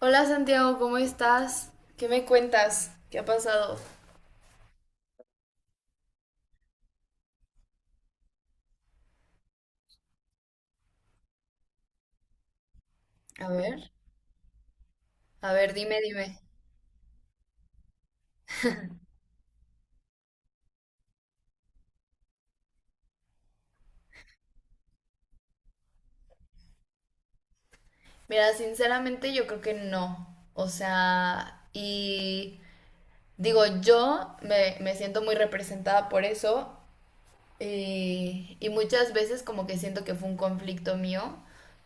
Hola Santiago, ¿cómo estás? ¿Qué me cuentas? ¿Qué ha pasado? A ver, a ver, dime, dime. Mira, sinceramente yo creo que no. O sea, y digo, yo me siento muy representada por eso y muchas veces como que siento que fue un conflicto mío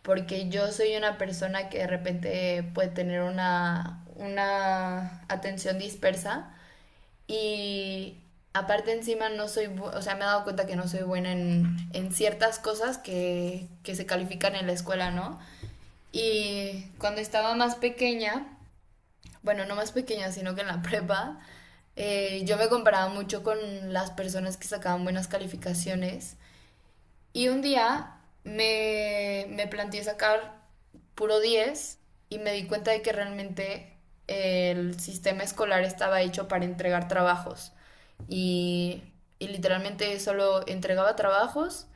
porque yo soy una persona que de repente puede tener una atención dispersa. Y aparte encima no soy, o sea, me he dado cuenta que no soy buena en ciertas cosas que se califican en la escuela, ¿no? Y cuando estaba más pequeña, bueno, no más pequeña, sino que en la prepa, yo me comparaba mucho con las personas que sacaban buenas calificaciones y un día me planteé sacar puro 10 y me di cuenta de que realmente el sistema escolar estaba hecho para entregar trabajos. Y, y literalmente solo entregaba trabajos,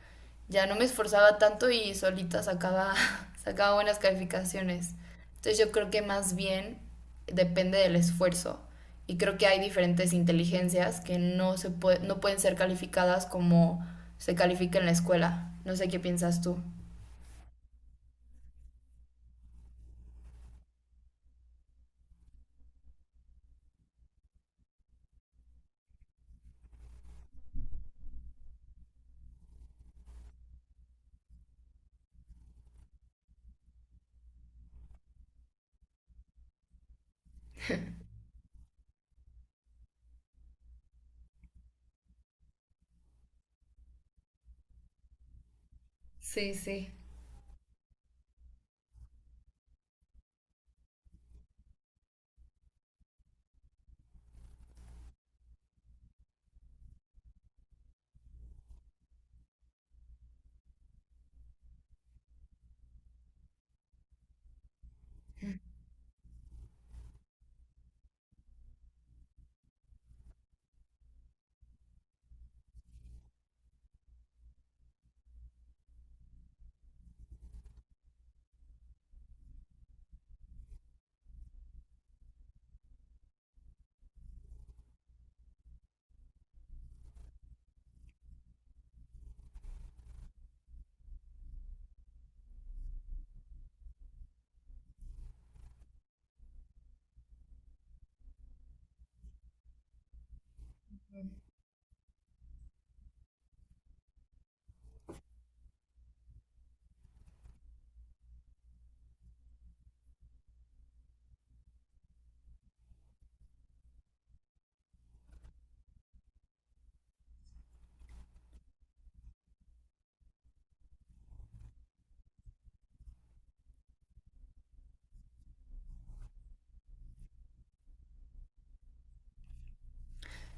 ya no me esforzaba tanto y solita sacaba, sacaba buenas calificaciones. Entonces yo creo que más bien depende del esfuerzo y creo que hay diferentes inteligencias que no, no pueden ser calificadas como se califica en la escuela. No sé qué piensas tú. Sí, sí.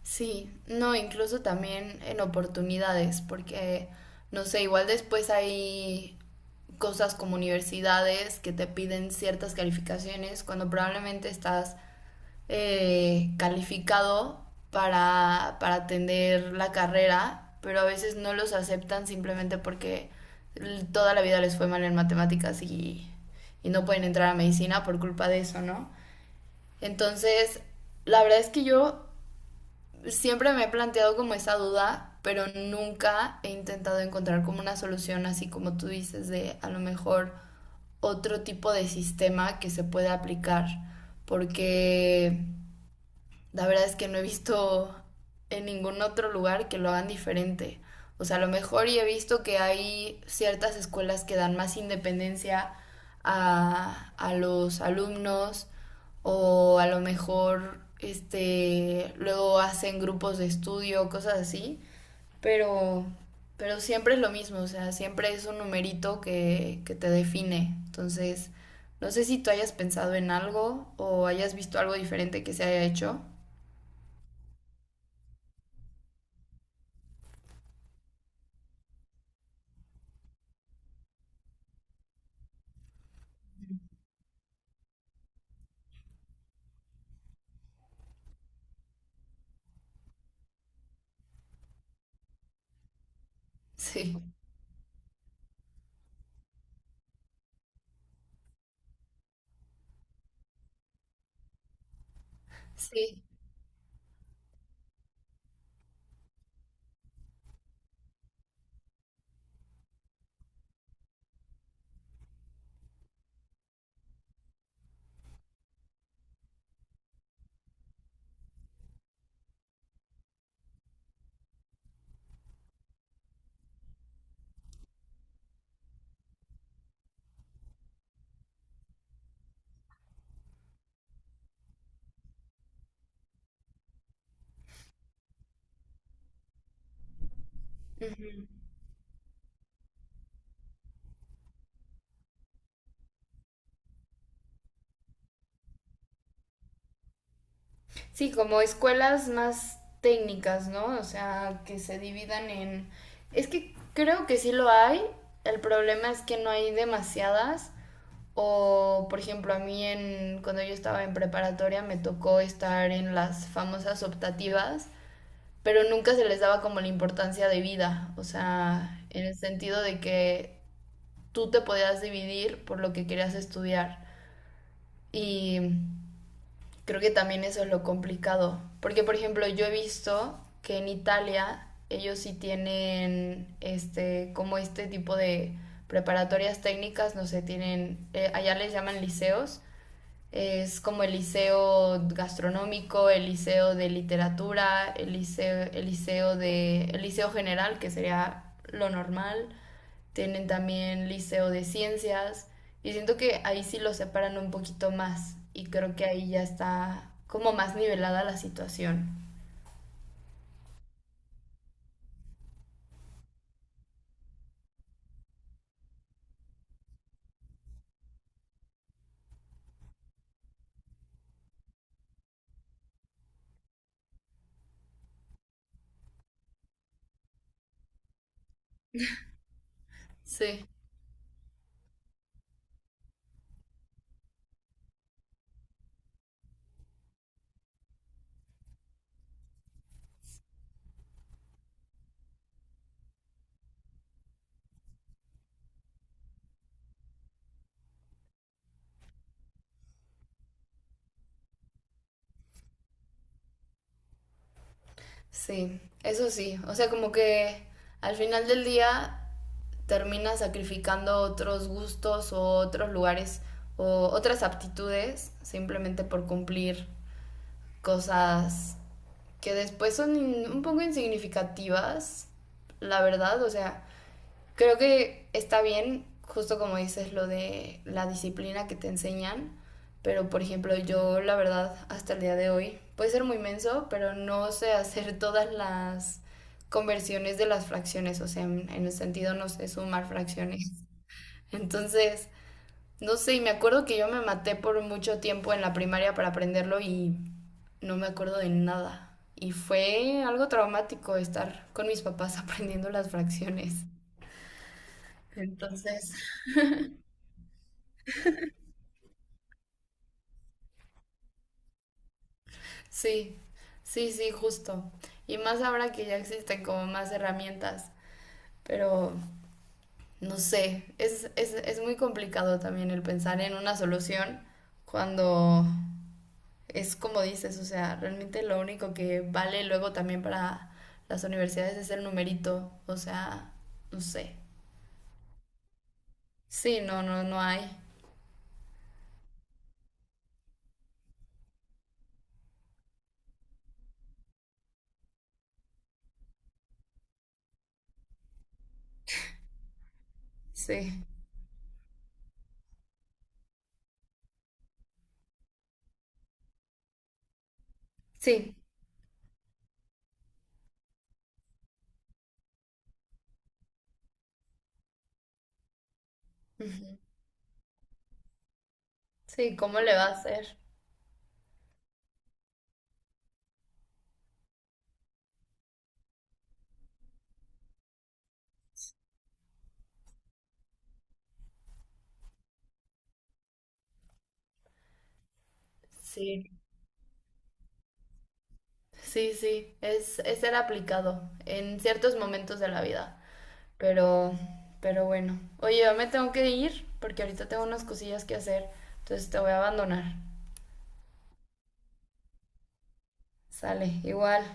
Sí, no, incluso también en oportunidades, porque, no sé, igual después hay cosas como universidades que te piden ciertas calificaciones cuando probablemente estás calificado para atender la carrera, pero a veces no los aceptan simplemente porque toda la vida les fue mal en matemáticas y no pueden entrar a medicina por culpa de eso, ¿no? Entonces, la verdad es que yo siempre me he planteado como esa duda, pero nunca he intentado encontrar como una solución, así como tú dices, de a lo mejor otro tipo de sistema que se pueda aplicar, porque la verdad es que no he visto en ningún otro lugar que lo hagan diferente. O sea, a lo mejor y he visto que hay ciertas escuelas que dan más independencia a los alumnos o a lo mejor este luego hacen grupos de estudio, cosas así, pero pero siempre es lo mismo, o sea, siempre es un numerito que te define. Entonces, no sé si tú hayas pensado en algo o hayas visto algo diferente que se haya hecho. Sí, sí. Ujú. Sí, como escuelas más técnicas, ¿no? O sea, que se dividan en... Es que creo que sí lo hay. El problema es que no hay demasiadas. O, por ejemplo, a mí en, cuando yo estaba en preparatoria me tocó estar en las famosas optativas, pero nunca se les daba como la importancia de vida. O sea, en el sentido de que tú te podías dividir por lo que querías estudiar. Y creo que también eso es lo complicado. Porque, por ejemplo, yo he visto que en Italia ellos sí tienen este, como este tipo de preparatorias técnicas, no sé, tienen, allá les llaman liceos. Es como el liceo gastronómico, el liceo de literatura, el liceo de, el liceo general, que sería lo normal, tienen también liceo de ciencias y siento que ahí sí lo separan un poquito más y creo que ahí ya está como más nivelada la situación. Sí, sí, eso sí. O sea, como que al final del día terminas sacrificando otros gustos o otros lugares o otras aptitudes simplemente por cumplir cosas que después son un poco insignificativas, la verdad. O sea, creo que está bien, justo como dices, lo de la disciplina que te enseñan, pero por ejemplo yo la verdad hasta el día de hoy, puede ser muy menso, pero no sé hacer todas las conversiones de las fracciones, o sea, en el sentido no sé sumar fracciones. Entonces, no sé, y me acuerdo que yo me maté por mucho tiempo en la primaria para aprenderlo y no me acuerdo de nada. Y fue algo traumático estar con mis papás aprendiendo las fracciones. Entonces, sí, sí, sí, justo. Y más ahora que ya existen como más herramientas, pero no sé, es, es muy complicado también el pensar en una solución cuando es como dices, o sea, realmente lo único que vale luego también para las universidades es el numerito, o sea, no sé. Sí, no, no, no hay. Sí, sí. Ujú. Sí, ¿cómo le va a hacer? Sí, sí, sí, es, ser aplicado en ciertos momentos de la vida. Pero, pero bueno. Oye, yo me tengo que ir porque ahorita tengo unas cosillas que hacer. Entonces te voy a abandonar. Sale, igual.